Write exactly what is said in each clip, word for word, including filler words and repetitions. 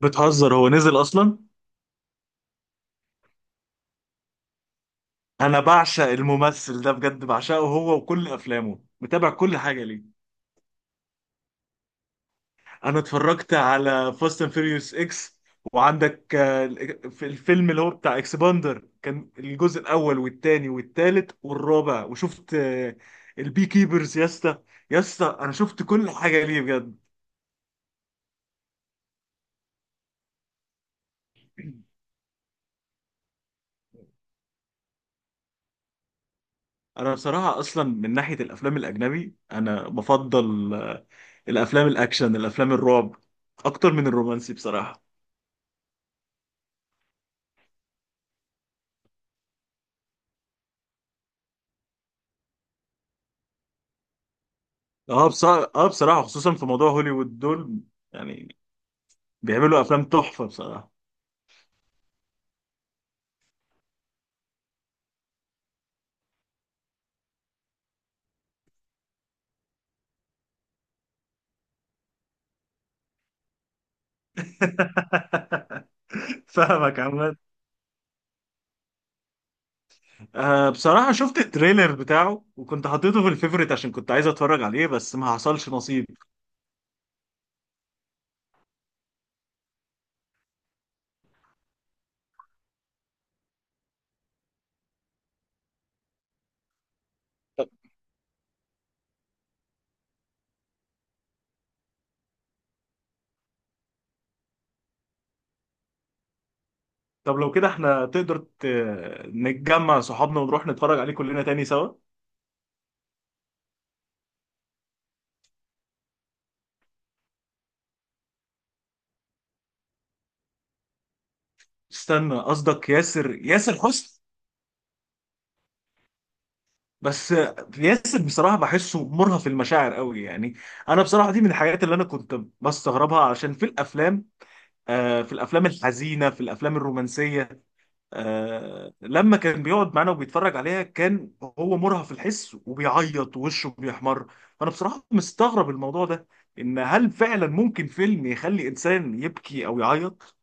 بتهزر؟ هو نزل اصلا؟ انا بعشق الممثل ده بجد، بعشقه هو وكل افلامه، متابع كل حاجه ليه. انا اتفرجت على فاست اند فيريوس اكس، وعندك آه، في الفيلم اللي هو بتاع اكسباندر كان الجزء الاول والتاني والتالت والرابع، وشفت البي كيبرز يا اسطى. يا اسطى انا شفت كل حاجه ليه بجد. انا بصراحه اصلا من ناحيه الافلام الاجنبي انا بفضل آه، الافلام الاكشن، الافلام الرعب، اكتر من الرومانسي بصراحه. اه بصراحة، اه بصراحة، خصوصا في موضوع هوليوود دول يعني بيعملوا افلام تحفة بصراحة. فاهمك عماد. آه بصراحة شفت التريلر بتاعه وكنت حطيته في الفيفوريت عشان كنت عايز اتفرج عليه، بس ما حصلش نصيب. طب، طب لو كده احنا تقدر ت- نتجمع صحابنا ونروح نتفرج عليه كلنا تاني سوا. استنى، قصدك ياسر؟ ياسر حسني؟ بس آه، ياسر بصراحة بحسه مرهف المشاعر قوي يعني. انا بصراحة دي من الحاجات اللي انا كنت بستغربها، عشان في الافلام، آه، في الافلام الحزينه، في الافلام الرومانسيه، آه، لما كان بيقعد معانا وبيتفرج عليها كان هو مرهف في الحس وبيعيط ووشه بيحمر. فانا بصراحه مستغرب الموضوع ده، ان هل فعلا ممكن فيلم يخلي انسان يبكي او يعيط؟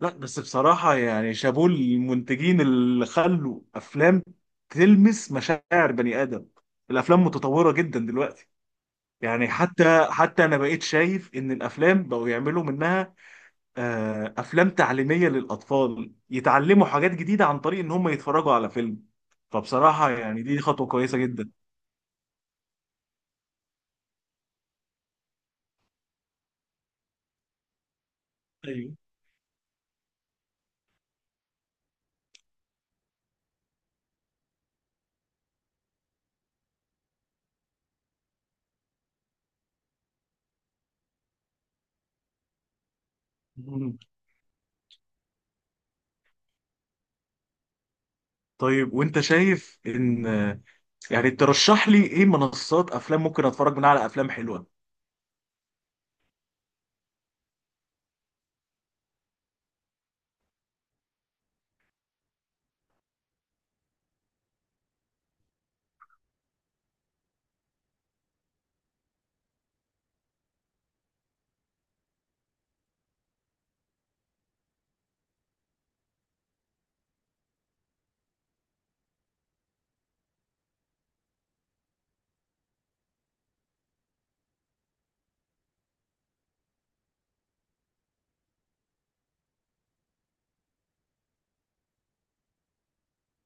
لا بس بصراحه يعني شابوه المنتجين اللي خلوا افلام تلمس مشاعر بني ادم. الافلام متطوره جدا دلوقتي، يعني حتى حتى انا بقيت شايف ان الافلام بقوا يعملوا منها آه، افلام تعليميه للاطفال يتعلموا حاجات جديده عن طريق ان هم يتفرجوا على فيلم. فبصراحه يعني دي خطوه كويسه جدا. ايوه. مم. طيب، وانت شايف ان، يعني ترشح لي ايه منصات افلام ممكن اتفرج منها على افلام حلوه؟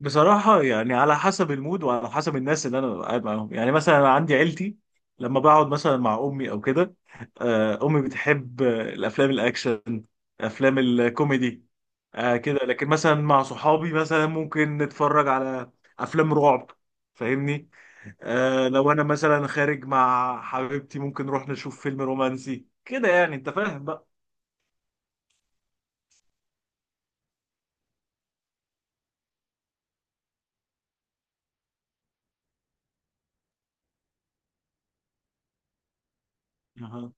بصراحه يعني على حسب المود وعلى حسب الناس اللي انا قاعد معاهم، يعني مثلا أنا عندي عيلتي، لما بقعد مثلا مع امي او كده، آه، امي بتحب آه، الافلام الاكشن، افلام الكوميدي آه كده. لكن مثلا مع صحابي مثلا ممكن نتفرج على افلام رعب، فاهمني؟ آه لو انا مثلا خارج مع حبيبتي ممكن نروح نشوف فيلم رومانسي كده، يعني انت فاهم بقى. أها.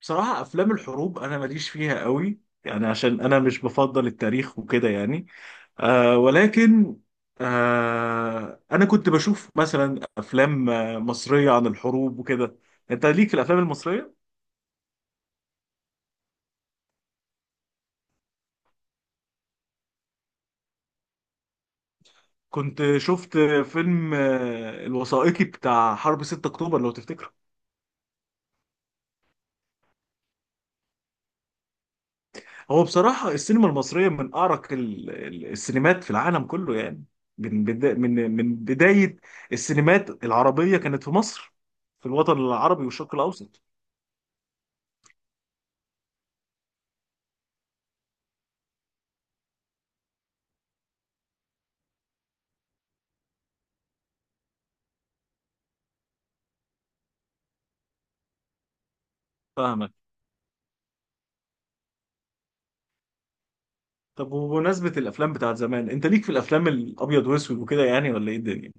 بصراحة افلام الحروب انا ماليش فيها قوي، يعني عشان انا مش بفضل التاريخ وكده يعني. آه ولكن آه انا كنت بشوف مثلا افلام آه، مصرية عن الحروب وكده. انت ليك في الافلام المصرية؟ كنت شفت فيلم آه، الوثائقي بتاع حرب ستة اكتوبر لو تفتكره. هو بصراحة السينما المصرية من أعرق ال- ال- السينمات في العالم كله، يعني من بدا من من بداية السينمات العربية كانت في مصر، في الوطن العربي والشرق الأوسط. فاهمك. طب وبمناسبة الأفلام بتاعت زمان، أنت ليك في الأفلام الأبيض وأسود وكده يعني ولا إيه الدنيا؟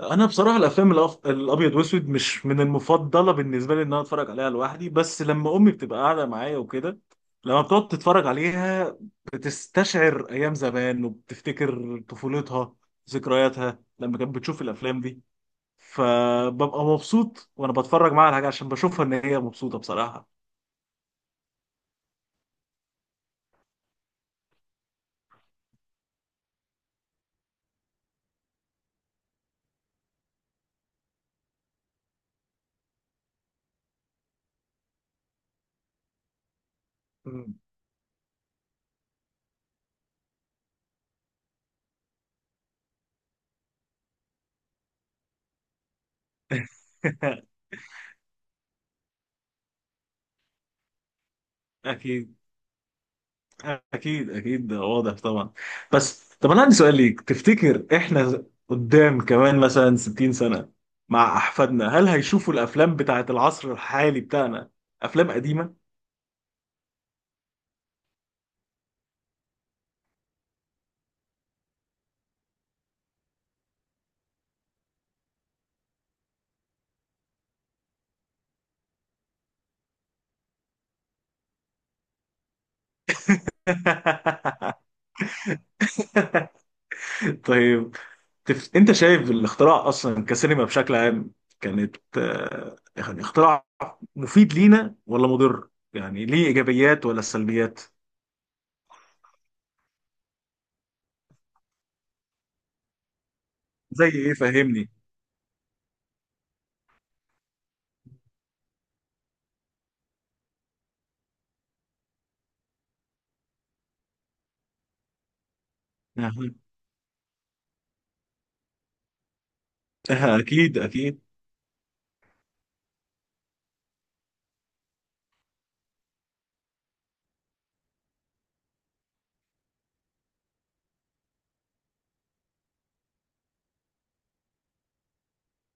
انا بصراحه الافلام الأف... الابيض واسود مش من المفضله بالنسبه لي ان انا اتفرج عليها لوحدي، بس لما امي بتبقى قاعده معايا وكده، لما بتقعد تتفرج عليها بتستشعر ايام زمان وبتفتكر طفولتها، ذكرياتها لما كانت بتشوف الافلام دي. فببقى مبسوط وانا بتفرج معاها على حاجه عشان بشوفها ان هي مبسوطه بصراحه. مم. اكيد، اكيد اكيد، ده واضح طبعا. بس طب انا عندي سؤال ليك، تفتكر احنا قدام كمان مثلا ستين سنة مع احفادنا، هل هيشوفوا الافلام بتاعت العصر الحالي بتاعنا افلام قديمة؟ طيب، تف... انت شايف الاختراع اصلا كسينما بشكل عام كانت آه، يعني اختراع مفيد لينا ولا مضر؟ يعني ليه ايجابيات ولا سلبيات؟ زي ايه، فهمني. أها. أها، اكيد اكيد.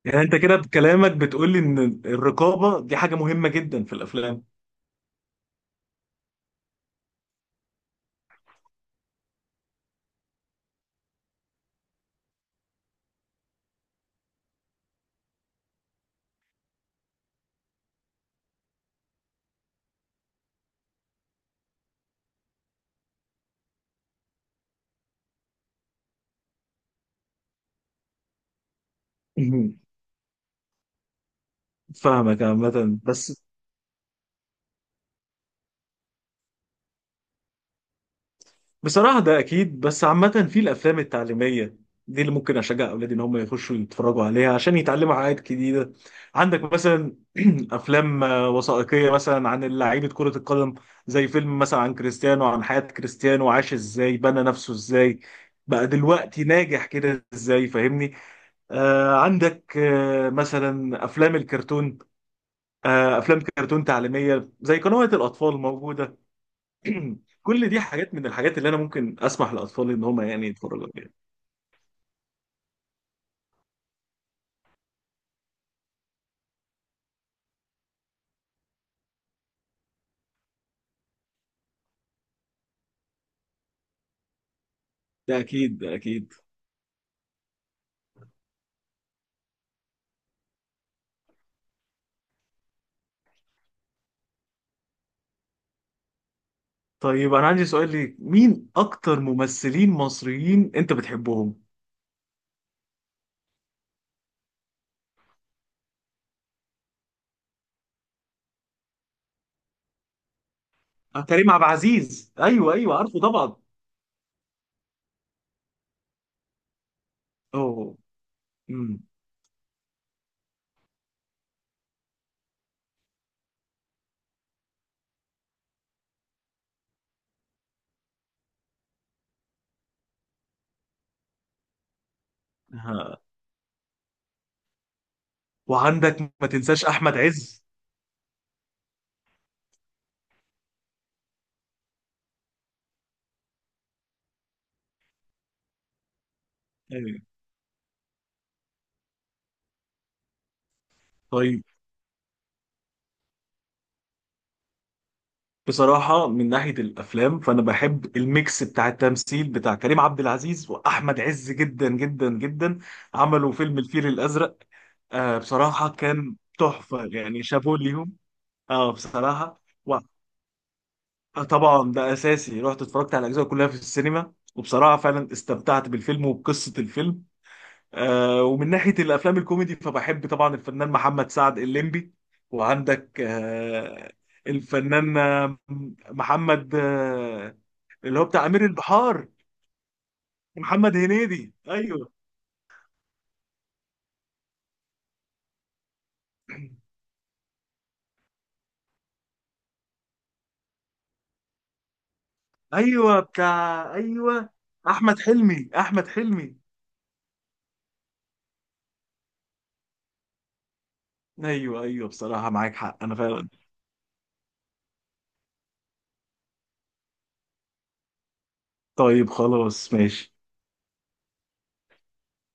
يعني انت كده بكلامك بتقول لي ان الرقابه دي حاجه مهمه جدا في الافلام. مهم. فاهمك عامه. بس بصراحه ده اكيد، بس عامه في الافلام التعليميه دي اللي ممكن اشجع اولادي ان هم يخشوا يتفرجوا عليها عشان يتعلموا حاجات جديده. عندك مثلا افلام آه، وثائقيه مثلا عن لعيبه كره القدم، زي فيلم مثلا عن كريستيانو، عن حياه كريستيانو، عاش ازاي، بنى نفسه ازاي، بقى دلوقتي ناجح كده ازاي، فاهمني؟ آه عندك آه مثلا افلام الكرتون، آه، افلام كرتون تعليميه زي قنوات الاطفال موجوده. كل دي حاجات من الحاجات اللي انا ممكن اسمح لاطفالي ان هم يعني يتفرجوا عليها. ده اكيد، ده اكيد. طيب انا عندي سؤال ليك، مين اكتر ممثلين مصريين انت بتحبهم؟ آه، كريم عبد العزيز، ايوه ايوه عارفه طبعا. اوه. امم. آه. وعندك ما تنساش احمد عز. ايوه. طيب، بصراحة من ناحية الأفلام فأنا بحب الميكس بتاع التمثيل بتاع كريم عبد العزيز وأحمد عز جدا جدا جدا. عملوا فيلم الفيل الأزرق، آه بصراحة كان تحفة، يعني شابوه ليهم. آه بصراحة. وطبعا ده أساسي، رحت اتفرجت على الأجزاء كلها في السينما، وبصراحة فعلا استمتعت بالفيلم وبقصة الفيلم. آه، ومن ناحية الأفلام الكوميدي فبحب طبعا الفنان محمد سعد الليمبي. وعندك آه، الفنان آه، محمد آه، اللي هو بتاع أمير البحار. محمد هنيدي أيوه أيوه. بتاع أيوه، أحمد حلمي، أحمد حلمي أيوه أيوه. بصراحة معاك حق، أنا فعلا. طيب خلاص ماشي.